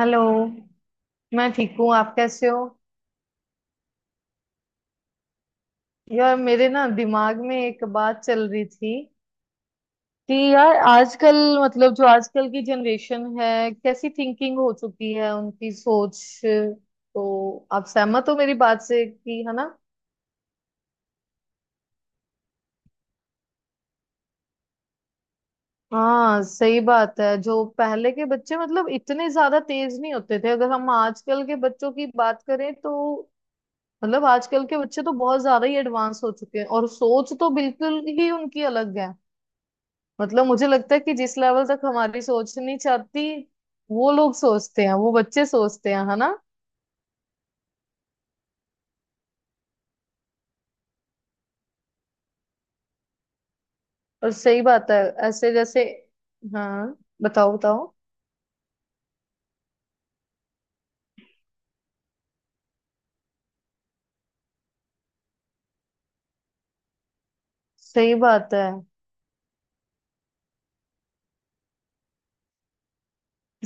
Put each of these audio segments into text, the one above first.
Hello. मैं ठीक हूँ, आप कैसे हो? यार, मेरे ना दिमाग में एक बात चल रही थी कि यार आजकल, मतलब जो आजकल की जनरेशन है, कैसी थिंकिंग हो चुकी है उनकी सोच। तो आप सहमत हो मेरी बात से कि, है ना? हाँ, सही बात है। जो पहले के बच्चे, मतलब इतने ज्यादा तेज नहीं होते थे, अगर हम आजकल के बच्चों की बात करें तो, मतलब आजकल के बच्चे तो बहुत ज्यादा ही एडवांस हो चुके हैं, और सोच तो बिल्कुल ही उनकी अलग है। मतलब मुझे लगता है कि जिस लेवल तक हमारी सोच नहीं चाहती, वो लोग सोचते हैं, वो बच्चे सोचते हैं, है ना? और सही बात है। ऐसे जैसे, हाँ, बताओ बताओ। सही बात है।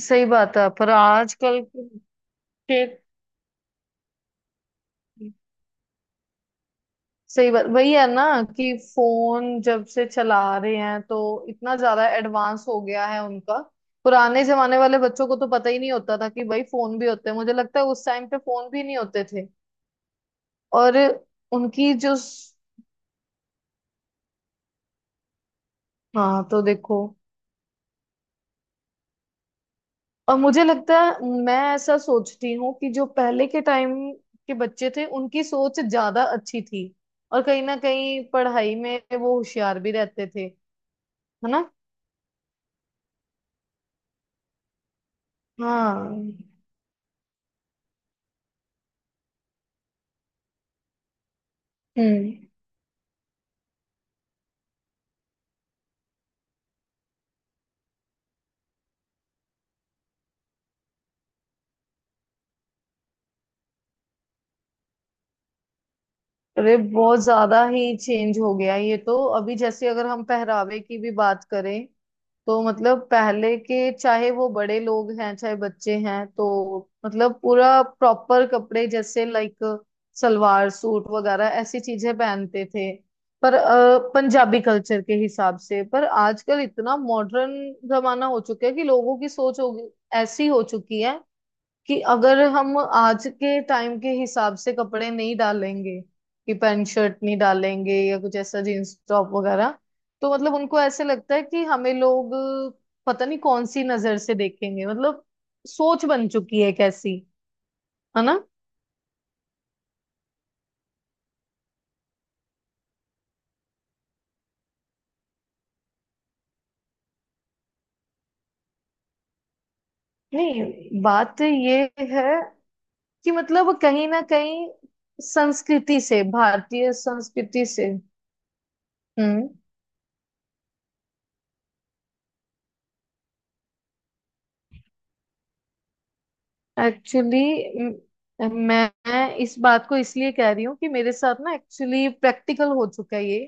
सही बात है पर आजकल के, सही बात वही है ना कि फोन जब से चला रहे हैं तो इतना ज्यादा एडवांस हो गया है उनका। पुराने जमाने वाले बच्चों को तो पता ही नहीं होता था कि भाई फोन भी होते हैं, मुझे लगता है उस टाइम पे फोन भी नहीं होते थे। और उनकी जो, हाँ तो देखो। और मुझे लगता है, मैं ऐसा सोचती हूँ कि जो पहले के टाइम के बच्चे थे, उनकी सोच ज्यादा अच्छी थी। और कहीं ना कहीं पढ़ाई में वो होशियार भी रहते थे, है ना? हाँ। हम्म। अरे बहुत ज्यादा ही चेंज हो गया ये तो। अभी जैसे अगर हम पहरावे की भी बात करें तो, मतलब पहले के, चाहे वो बड़े लोग हैं चाहे बच्चे हैं, तो मतलब पूरा प्रॉपर कपड़े, जैसे लाइक सलवार सूट वगैरह ऐसी चीजें पहनते थे। पर पंजाबी कल्चर के हिसाब से। पर आजकल इतना मॉडर्न जमाना हो चुका है कि लोगों की सोच ऐसी हो चुकी है कि अगर हम आज के टाइम के हिसाब से कपड़े नहीं डालेंगे, कि पैंट शर्ट नहीं डालेंगे या कुछ ऐसा जींस टॉप वगैरह, तो मतलब उनको ऐसे लगता है कि हमें लोग पता नहीं कौन सी नजर से देखेंगे। मतलब सोच बन चुकी है कैसी, है ना? नहीं, बात ये है कि मतलब कहीं ना कहीं संस्कृति से, भारतीय संस्कृति से। हम्म। एक्चुअली, मैं मैं इस बात को इसलिए कह रही हूँ कि मेरे साथ ना एक्चुअली प्रैक्टिकल हो चुका है ये।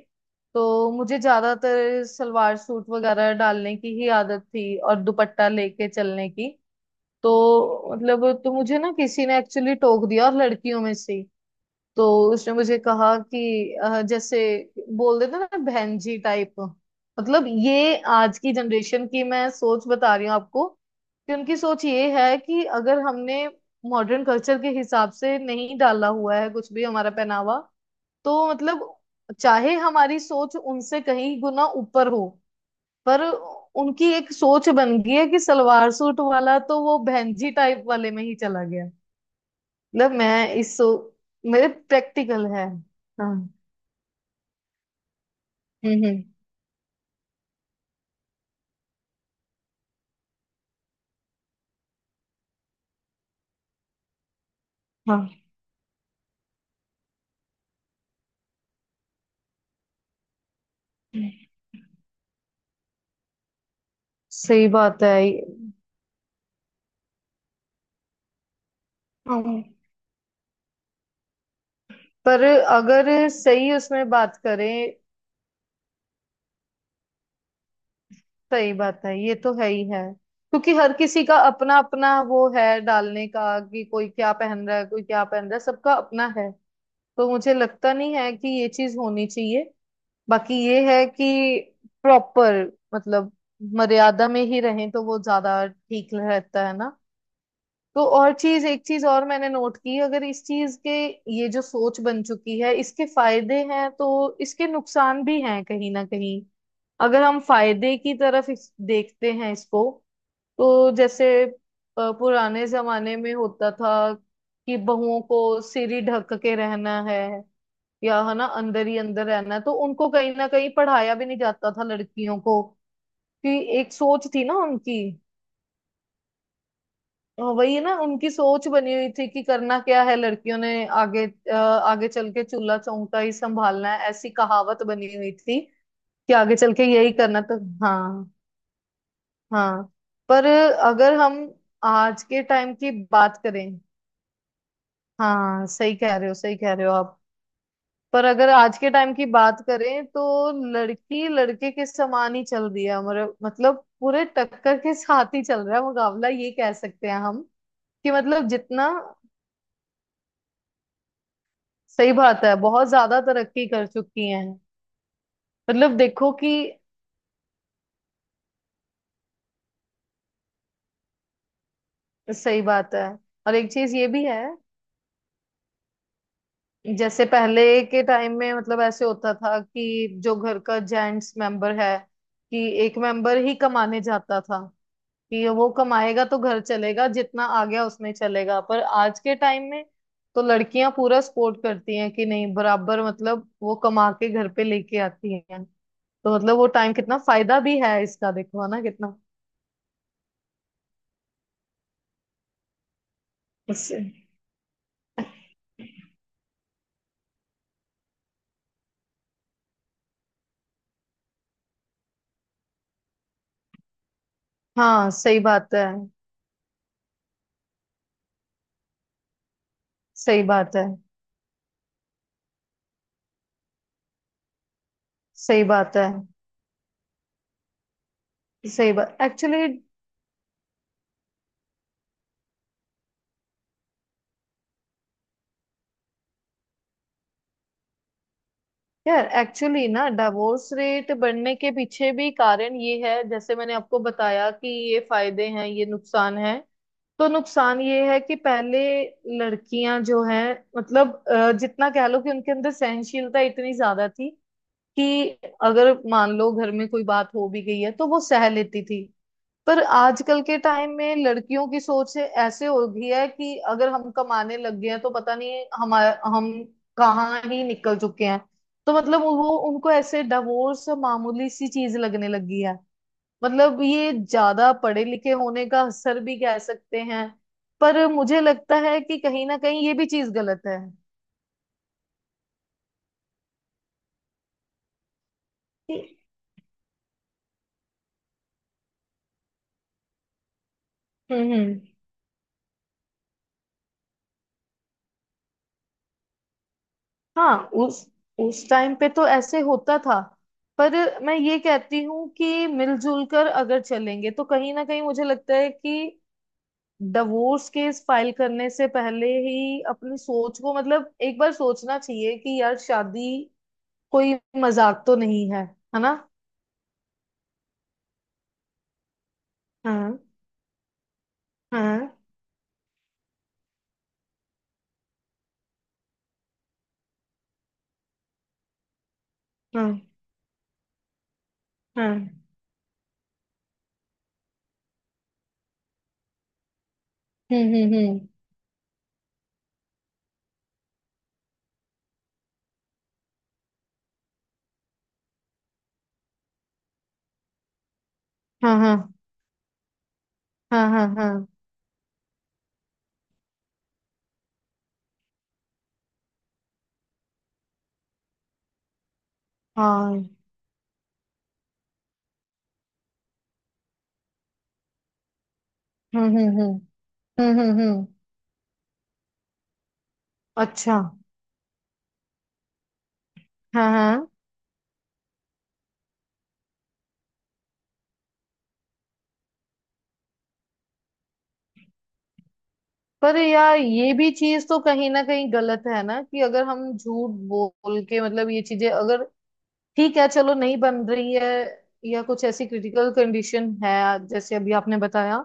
तो मुझे ज्यादातर सलवार सूट वगैरह डालने की ही आदत थी और दुपट्टा लेके चलने की। तो मुझे ना किसी ने एक्चुअली टोक दिया, और लड़कियों में से। तो उसने मुझे कहा कि जैसे बोल देते ना, बहन जी टाइप। मतलब ये आज की जनरेशन की मैं सोच बता रही हूँ आपको, कि उनकी सोच ये है कि अगर हमने मॉडर्न कल्चर के हिसाब से नहीं डाला हुआ है कुछ भी, हमारा पहनावा, तो मतलब चाहे हमारी सोच उनसे कहीं गुना ऊपर हो, पर उनकी एक सोच बन गई है कि सलवार सूट वाला तो वो बहन जी टाइप वाले में ही चला गया। मतलब मैं इस सो, मेरे प्रैक्टिकल है, हाँ। हम्म। हम्म। हाँ। हम्म, सही बात है। हम्म, पर अगर सही उसमें बात करें, सही बात है, ये तो है ही है। क्योंकि हर किसी का अपना अपना वो है डालने का, कि कोई क्या पहन रहा है, कोई क्या पहन रहा है, सबका अपना है। तो मुझे लगता नहीं है कि ये चीज होनी चाहिए। बाकी ये है कि प्रॉपर, मतलब मर्यादा में ही रहें तो वो ज्यादा ठीक रहता है ना। तो और चीज, एक चीज और मैंने नोट की, अगर इस चीज के, ये जो सोच बन चुकी है, इसके फायदे हैं तो इसके नुकसान भी हैं, कहीं ना कहीं। अगर हम फायदे की तरफ देखते हैं इसको, तो जैसे पुराने जमाने में होता था कि बहुओं को सिर ही ढक के रहना है, या है ना अंदर ही अंदर रहना है, तो उनको कहीं ना कहीं पढ़ाया भी नहीं जाता था लड़कियों को कि, एक सोच थी ना उनकी। हाँ, वही है ना, उनकी सोच बनी हुई थी कि करना क्या है लड़कियों ने, आगे आगे चल के चूल्हा चौका ही संभालना है, ऐसी कहावत बनी हुई थी कि आगे चल के यही करना, तो हाँ। हाँ, पर अगर हम आज के टाइम की बात करें। हाँ, सही कह रहे हो, सही कह रहे हो आप। पर अगर आज के टाइम की बात करें तो लड़की लड़के के समान ही चल रही है हमारे, मतलब पूरे टक्कर के साथ ही चल रहा है मुकाबला, ये कह सकते हैं हम कि मतलब जितना, सही बात है, बहुत ज्यादा तरक्की कर चुकी हैं। मतलब देखो कि, सही बात है। और एक चीज ये भी है, जैसे पहले के टाइम में मतलब ऐसे होता था कि जो घर का जेंट्स मेंबर है, कि एक मेंबर ही कमाने जाता था कि वो कमाएगा तो घर चलेगा, जितना आ गया उसमें चलेगा। पर आज के टाइम में तो लड़कियां पूरा सपोर्ट करती हैं कि नहीं, बराबर, मतलब वो कमा के घर पे लेके आती हैं, तो मतलब वो टाइम, कितना फायदा भी है इसका देखो, है ना, कितना उससे। हाँ, सही बात है। सही बात है। सही बात है। सही बात एक्चुअली। यार एक्चुअली ना डिवोर्स रेट बढ़ने के पीछे भी कारण ये है, जैसे मैंने आपको बताया कि ये फायदे हैं ये नुकसान है। तो नुकसान ये है कि पहले लड़कियां जो हैं, मतलब जितना कह लो कि उनके अंदर सहनशीलता इतनी ज्यादा थी कि अगर मान लो घर में कोई बात हो भी गई है तो वो सह लेती थी। पर आजकल के टाइम में लड़कियों की ऐसे हो गई है कि अगर हम कमाने लग गए हैं तो पता नहीं हमारा हम कहाँ ही निकल चुके हैं। तो मतलब वो, उनको ऐसे डिवोर्स मामूली सी चीज लगने लगी है। मतलब ये ज्यादा पढ़े लिखे होने का असर भी कह सकते हैं। पर मुझे लगता है कि कहीं ना कहीं ये भी चीज गलत है। हम्म। हम्म। हाँ। उस उस टाइम पे तो ऐसे होता था। पर मैं ये कहती हूँ कि मिलजुल कर अगर चलेंगे तो कहीं ना कहीं मुझे लगता है कि डिवोर्स केस फाइल करने से पहले ही अपनी सोच को, मतलब एक बार सोचना चाहिए कि यार शादी कोई मजाक तो नहीं है, है ना? हाँ, हाँ, हाँ। हाँ। हम्म, हम्म, हम्म। हाँ, हाँ, हाँ। हाँ, हाँ, हाँ। हम्म, हम्म, हम्म। हम्म, हम्म, अच्छा। हाँ, हाँ। पर यार ये भी चीज तो कहीं ना कहीं गलत है ना, कि अगर हम झूठ बोल के, मतलब ये चीजें अगर, ठीक है, चलो नहीं बन रही है या कुछ ऐसी क्रिटिकल कंडीशन है जैसे अभी आपने बताया,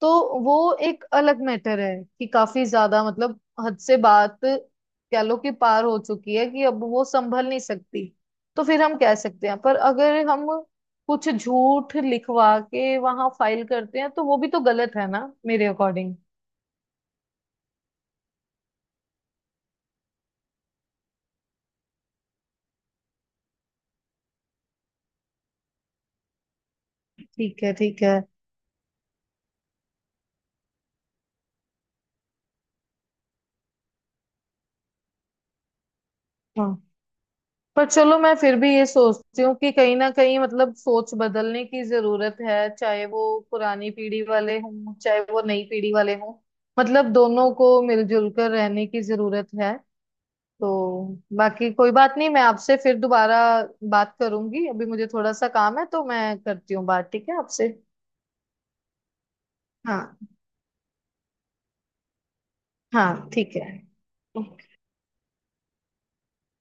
तो वो एक अलग मैटर है कि काफी ज्यादा, मतलब हद से बात कह लो कि पार हो चुकी है कि अब वो संभल नहीं सकती, तो फिर हम कह सकते हैं। पर अगर हम कुछ झूठ लिखवा के वहां फाइल करते हैं तो वो भी तो गलत है ना, मेरे अकॉर्डिंग। ठीक है, ठीक है। हाँ, पर चलो मैं फिर भी ये सोचती हूँ कि कहीं ना कहीं मतलब सोच बदलने की जरूरत है, चाहे वो पुरानी पीढ़ी वाले हों चाहे वो नई पीढ़ी वाले हों, मतलब दोनों को मिलजुल कर रहने की जरूरत है। तो बाकी कोई बात नहीं, मैं आपसे फिर दोबारा बात करूंगी। अभी मुझे थोड़ा सा काम है तो मैं करती हूँ बात, ठीक है आपसे? हाँ, हाँ, ठीक है।